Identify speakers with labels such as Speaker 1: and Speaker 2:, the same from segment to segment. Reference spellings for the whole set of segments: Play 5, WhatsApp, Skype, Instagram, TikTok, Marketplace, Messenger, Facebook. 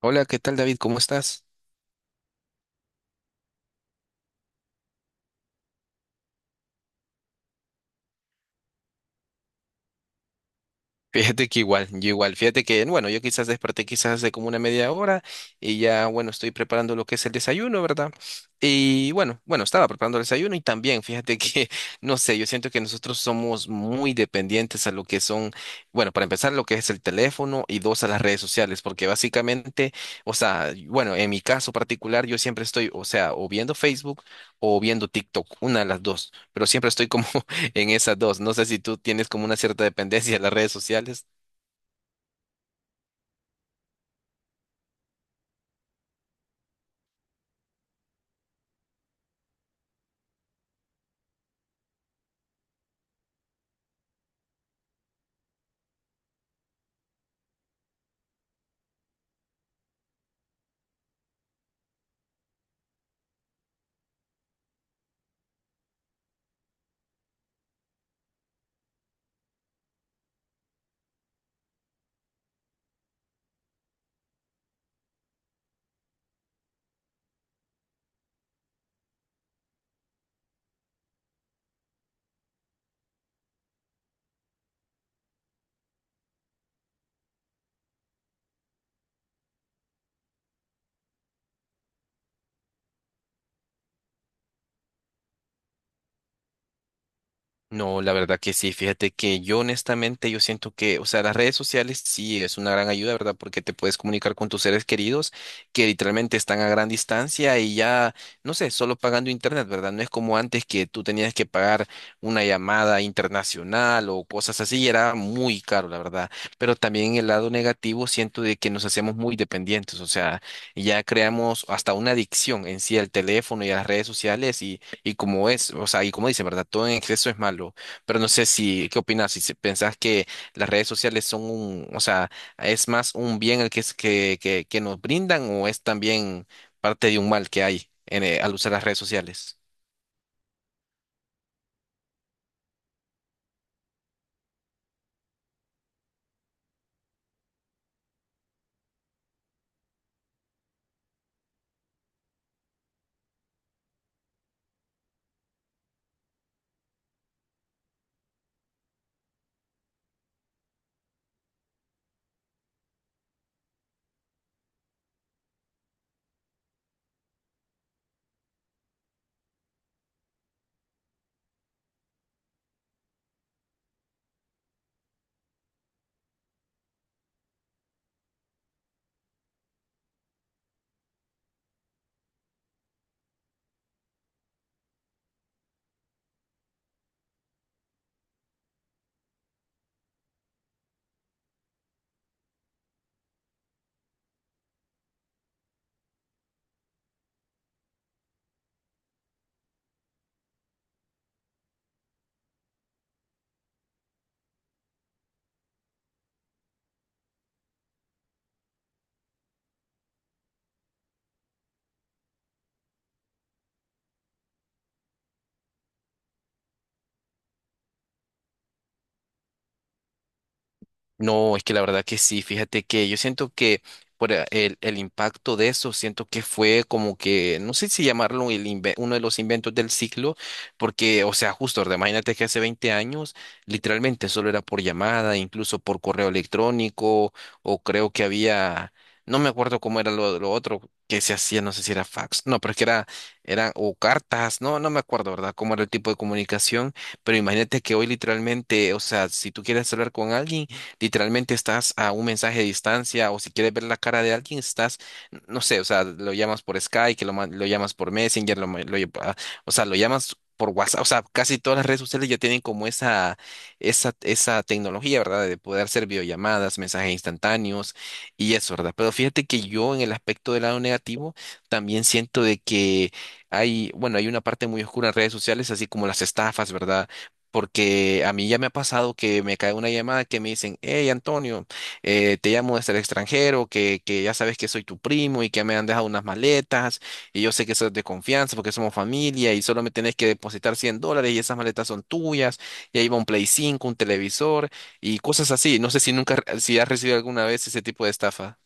Speaker 1: Hola, ¿qué tal David? ¿Cómo estás? Fíjate que igual, yo igual, fíjate que, bueno, yo quizás desperté quizás hace como una media hora y ya, bueno, estoy preparando lo que es el desayuno, ¿verdad? Y bueno, bueno, estaba preparando el desayuno y también, fíjate que, no sé, yo siento que nosotros somos muy dependientes a lo que son, bueno, para empezar, lo que es el teléfono y dos, a las redes sociales, porque básicamente, o sea, bueno, en mi caso particular, yo siempre estoy, o sea, o viendo Facebook o viendo TikTok, una de las dos, pero siempre estoy como en esas dos. No sé si tú tienes como una cierta dependencia de las redes sociales. No, la verdad que sí. Fíjate que yo honestamente yo siento que, o sea, las redes sociales sí es una gran ayuda, ¿verdad? Porque te puedes comunicar con tus seres queridos que literalmente están a gran distancia y ya, no sé, solo pagando internet, ¿verdad? No es como antes que tú tenías que pagar una llamada internacional o cosas así y era muy caro, la verdad. Pero también el lado negativo siento de que nos hacemos muy dependientes, o sea, ya creamos hasta una adicción en sí al teléfono y a las redes sociales y como es, o sea, y como dice, ¿verdad? Todo en exceso es malo. Pero no sé si, ¿qué opinas? Si pensás que las redes sociales son un, o sea, es más un bien el que, que nos brindan o es también parte de un mal que hay en, al usar las redes sociales. No, es que la verdad que sí, fíjate que yo siento que el impacto de eso, siento que fue como que, no sé si llamarlo uno de los inventos del siglo, porque, o sea, justo, ¿verdad? Imagínate que hace 20 años literalmente solo era por llamada, incluso por correo electrónico, o creo que había, no me acuerdo cómo era lo otro que se hacía, no sé si era fax, no, pero es que era, o cartas, no, no me acuerdo, ¿verdad? Cómo era el tipo de comunicación, pero imagínate que hoy literalmente, o sea, si tú quieres hablar con alguien, literalmente estás a un mensaje de distancia o si quieres ver la cara de alguien, estás, no sé, o sea, lo llamas por Skype, lo llamas por Messenger, lo, ma- lo lle- ah, o sea, lo llamas por WhatsApp, o sea, casi todas las redes sociales ya tienen como esa tecnología, ¿verdad? De poder hacer videollamadas, mensajes instantáneos y eso, ¿verdad? Pero fíjate que yo en el aspecto del lado negativo también siento de que hay, bueno, hay una parte muy oscura en redes sociales, así como las estafas, ¿verdad? Porque a mí ya me ha pasado que me cae una llamada que me dicen, hey Antonio, te llamo desde el extranjero, que ya sabes que soy tu primo y que me han dejado unas maletas y yo sé que sos de confianza porque somos familia y solo me tenés que depositar $100 y esas maletas son tuyas y ahí va un Play 5, un televisor y cosas así. No sé si has recibido alguna vez ese tipo de estafa.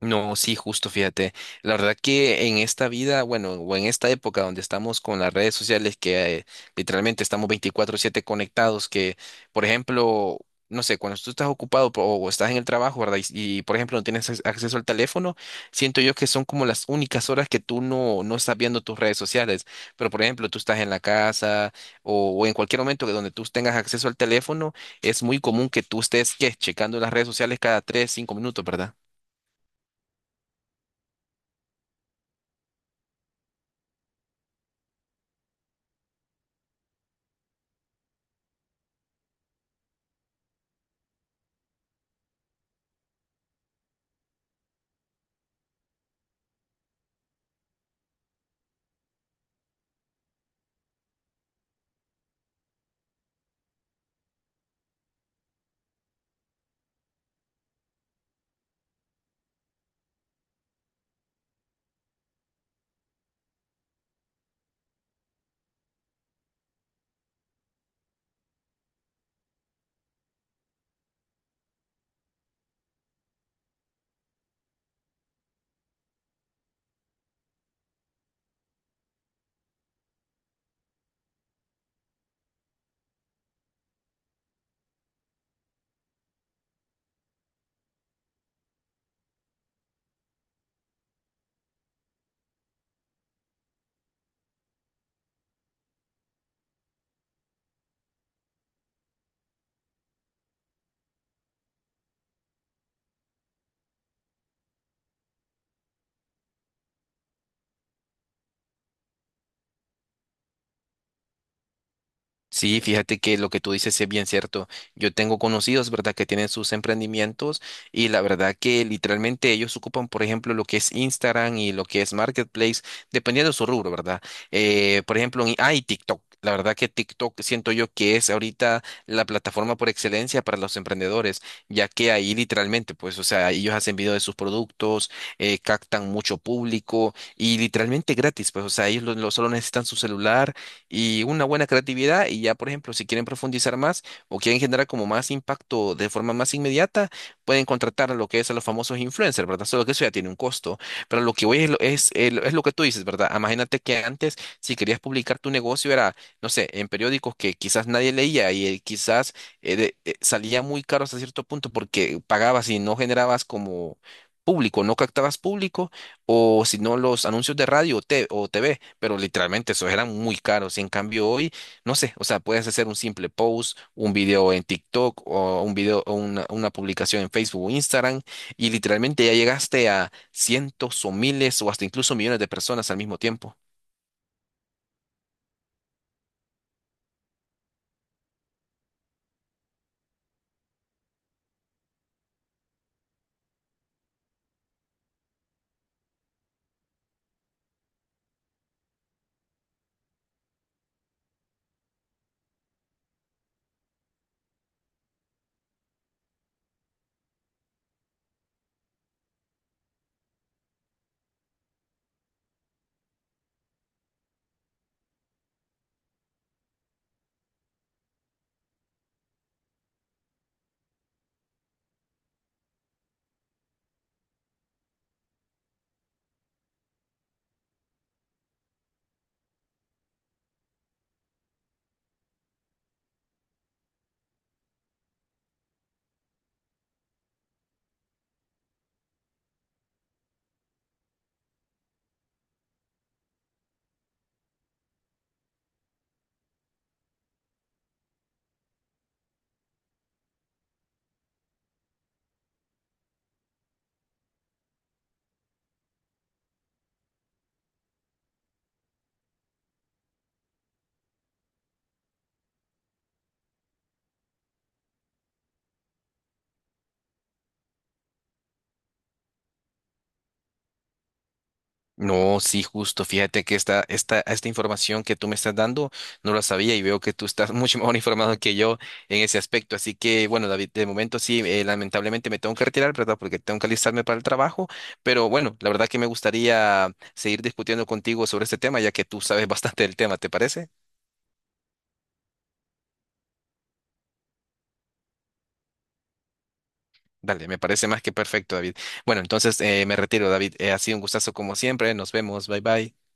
Speaker 1: No, sí, justo, fíjate. La verdad que en esta vida, bueno, o en esta época donde estamos con las redes sociales, que literalmente estamos 24/7 conectados, que, por ejemplo, no sé, cuando tú estás ocupado o estás en el trabajo, ¿verdad? Por ejemplo, no tienes acceso al teléfono, siento yo que son como las únicas horas que tú no estás viendo tus redes sociales. Pero, por ejemplo, tú estás en la casa o en cualquier momento que donde tú tengas acceso al teléfono, es muy común que tú estés, ¿qué? Checando las redes sociales cada 3, 5 minutos, ¿verdad? Sí, fíjate que lo que tú dices es bien cierto. Yo tengo conocidos, ¿verdad?, que tienen sus emprendimientos y la verdad que literalmente ellos ocupan, por ejemplo, lo que es Instagram y lo que es Marketplace, dependiendo de su rubro, ¿verdad? Por ejemplo, y TikTok. La verdad que TikTok siento yo que es ahorita la plataforma por excelencia para los emprendedores, ya que ahí literalmente, pues, o sea, ellos hacen video de sus productos, captan mucho público y literalmente gratis, pues, o sea, ellos solo necesitan su celular y una buena creatividad y ya, por ejemplo, si quieren profundizar más o quieren generar como más impacto de forma más inmediata, pueden contratar lo que es a los famosos influencers, ¿verdad? Solo que eso ya tiene un costo, pero lo que voy es, es lo que tú dices, ¿verdad? Imagínate que antes, si querías publicar tu negocio, era, no sé, en periódicos que quizás nadie leía y quizás salía muy caro hasta cierto punto porque pagabas y no generabas como público, no captabas público, o si no los anuncios de radio o TV pero literalmente esos eran muy caros. Y en cambio hoy, no sé, o sea, puedes hacer un simple post, un video en TikTok o un video o una publicación en Facebook o Instagram y literalmente ya llegaste a cientos o miles o hasta incluso millones de personas al mismo tiempo. No, sí, justo. Fíjate que esta información que tú me estás dando no la sabía y veo que tú estás mucho mejor informado que yo en ese aspecto. Así que, bueno, David, de momento sí, lamentablemente me tengo que retirar, ¿verdad? Porque tengo que alistarme para el trabajo. Pero bueno, la verdad que me gustaría seguir discutiendo contigo sobre este tema, ya que tú sabes bastante del tema, ¿te parece? Dale, me parece más que perfecto, David. Bueno, entonces me retiro, David. Ha sido un gustazo como siempre. Nos vemos. Bye bye.